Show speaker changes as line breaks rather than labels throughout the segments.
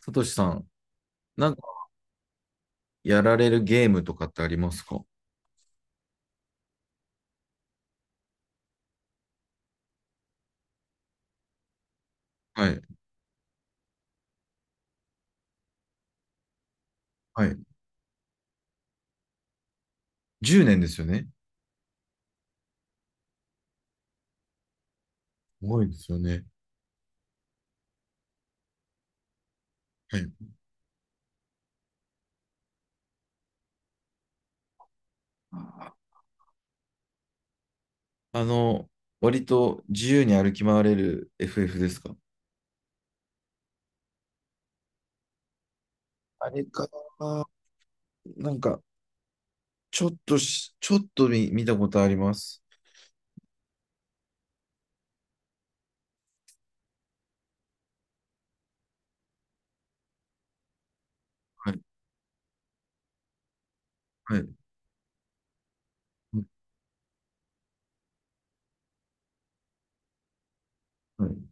さとしさん、なんかやられるゲームとかってありますか？はい。はい。10年ですよね。すごいですよね。はい。あの、割と自由に歩き回れる FF ですか？あれかな、なんか、ちょっと見たことあります。はい。はい。はい。はい。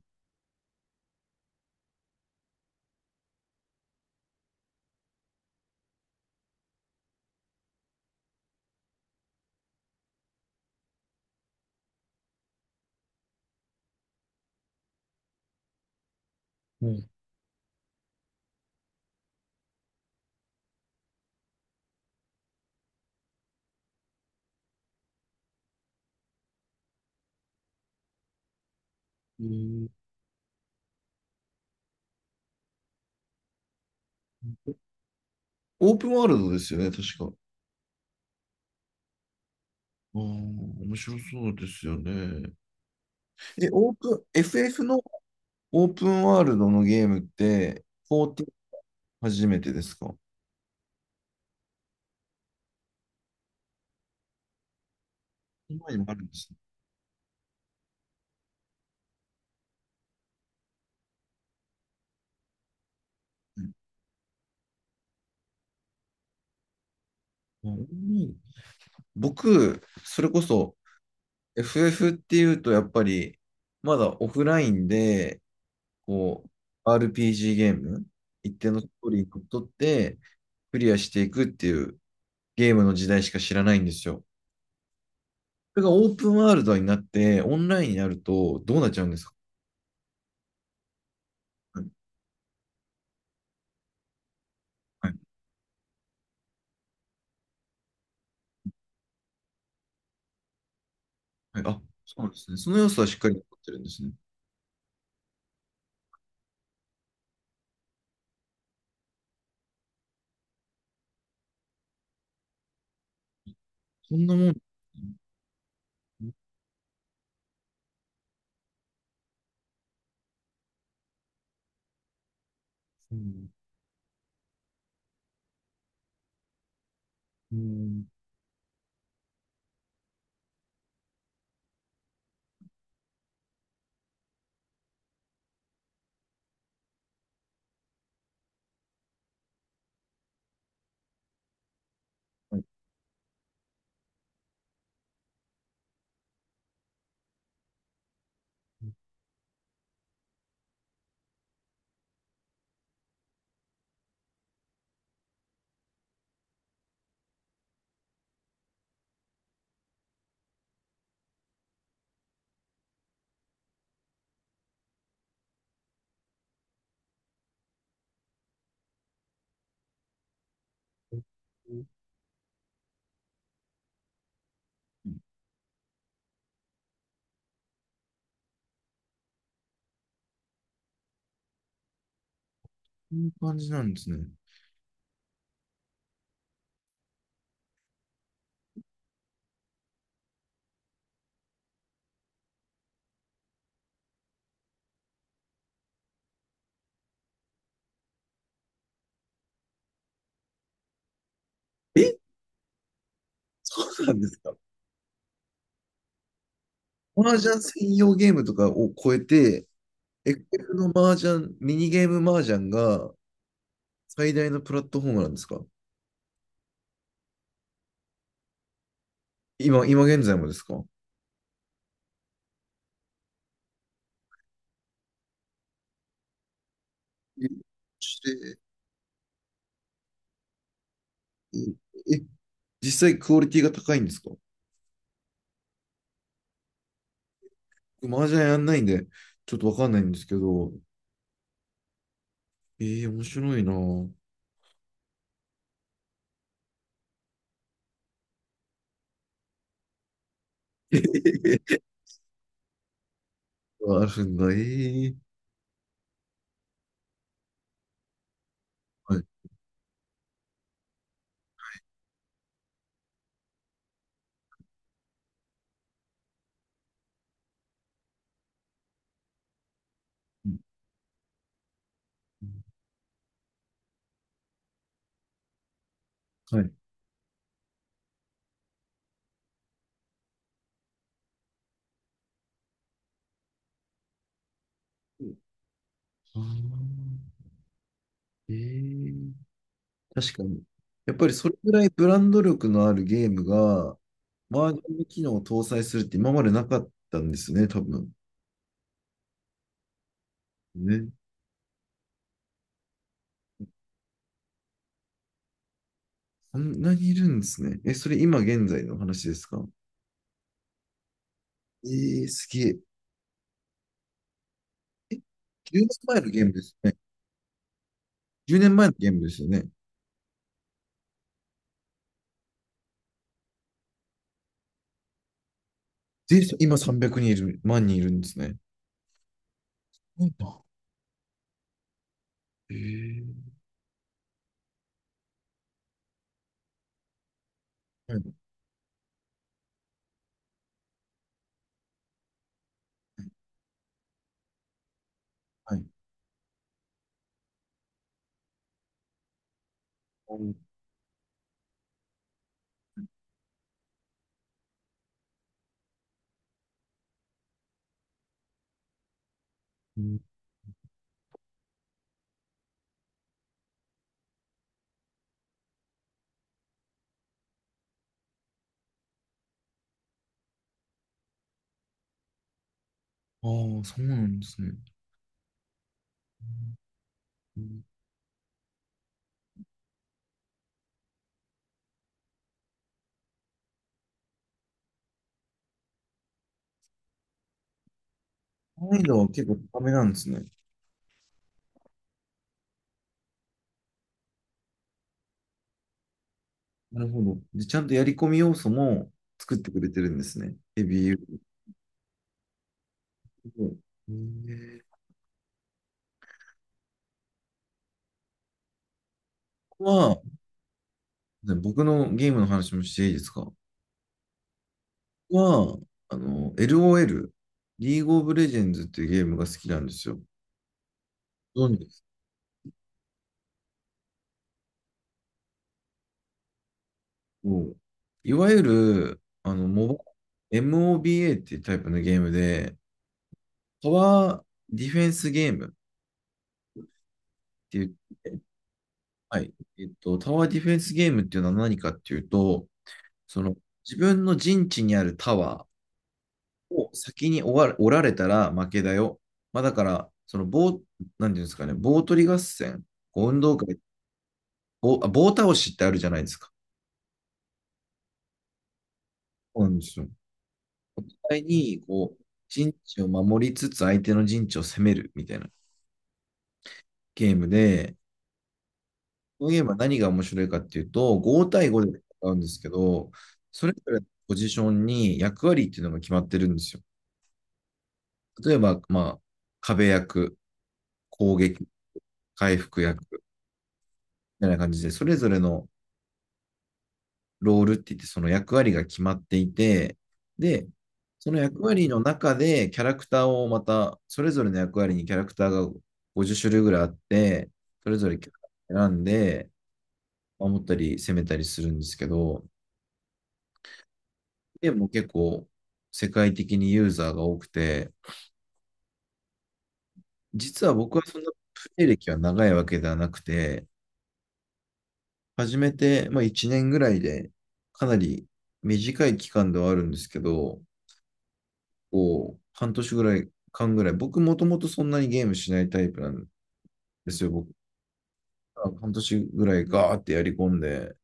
えーオープンワールドですよね、確か。ああ、面白そうですよね。で、オープン、FF のオープンワールドのゲームって、14初めてですか？前にもあるんですね。あうん、僕、それこそ FF っていうと、やっぱり、まだオフラインで、こRPG ゲーム、一定のストーリーにのっとって、クリアしていくっていうゲームの時代しか知らないんですよ。それがオープンワールドになって、オンラインになると、どうなっちゃうんですか？はい。はい。はい。あ、そうなんですね。その要素はしっかり残ってるんですね。そんなもん。うんうん。はい。こういう感じなんですね。え、そうなんですか？麻雀専用ゲームとかを超えて、エフエフの麻雀、ミニゲーム麻雀が最大のプラットフォームなんですか？今現在もですか？え、してえ、え実際クオリティが高いんですか？麻雀やんないんで、ちょっとわかんないんですけど、面白いなぁ。あるんだ、えー。はい。はい。あー。えー。確かに。やっぱりそれぐらいブランド力のあるゲームが、バージョンの機能を搭載するって今までなかったんですね、多分。ね。そんなにいるんですね。え、それ今現在の話ですか？えー、すげえ。え、1年前のゲームですね。10年前のゲームですよね。で、今300人いる、万人いるんですね。はいな。えー。はい。はい、うん。ああ、そうなんですね。うイ難易度は結構高めなんですね。なるほど。で、ちゃんとやり込み要素も作ってくれてるんですね。ヘビーユーもえー。ここは、ね、僕のゲームの話もしていいですか？ここは、あの、LOL、リーグオブレジェンズっていうゲームが好きなんですよ。ご存知ですか？ういわゆる、MOBA っていうタイプのゲームで、タワーディフェンスゲームっていう、はい、タワーディフェンスゲームっていうのは何かっていうと、その、自分の陣地にあるタワーを先に終わおられたら負けだよ。まあ、だから、その棒、なんていうんですかね、棒取り合戦、こう運動会、棒倒しってあるじゃないですか。そうなんですよ。実際に、陣地を守りつつ相手の陣地を攻めるみたいなゲームで、このゲームは何が面白いかっていうと、5対5で戦うんですけど、それぞれのポジションに役割っていうのが決まってるんですよ。例えば、まあ、壁役、攻撃、回復役みたいな感じで、それぞれのロールって言ってその役割が決まっていて、で、その役割の中でキャラクターをまた、それぞれの役割にキャラクターが50種類ぐらいあって、それぞれキャラ選んで、守ったり攻めたりするんですけど、でも結構世界的にユーザーが多くて、実は僕はそんなプレイ歴は長いわけではなくて、始めて、まあ、1年ぐらいでかなり短い期間ではあるんですけど、半年ぐらい、間ぐらい、僕もともとそんなにゲームしないタイプなんですよ。僕が半年ぐらいガーってやり込んで、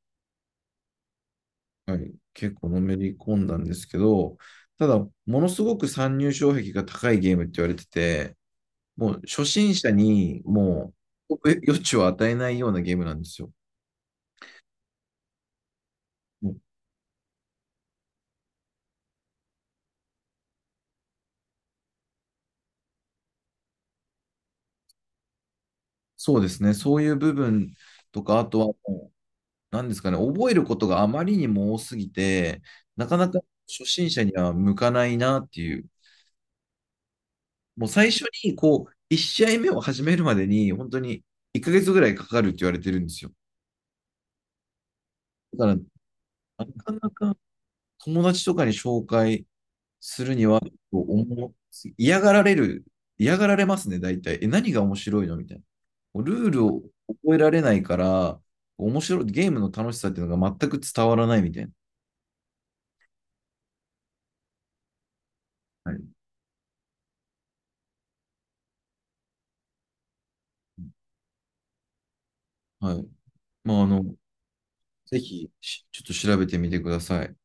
はい、結構のめり込んだんですけど、ただ、ものすごく参入障壁が高いゲームって言われてて、もう初心者にもう余地を与えないようなゲームなんですよ。もうそうですね、そういう部分とか、あとはもう、なんですかね、覚えることがあまりにも多すぎて、なかなか初心者には向かないなっていう、もう最初に、1試合目を始めるまでに、本当に1ヶ月ぐらいかかるって言われてるんですよ。だから、なかなか友達とかに紹介するには、思う嫌がられる、嫌がられますね、大体。え、何が面白いのみたいな。ルールを覚えられないから、面白い、ゲームの楽しさっていうのが全く伝わらないみたいな。はい。はい。まあ、ぜひ、ちょっと調べてみてください。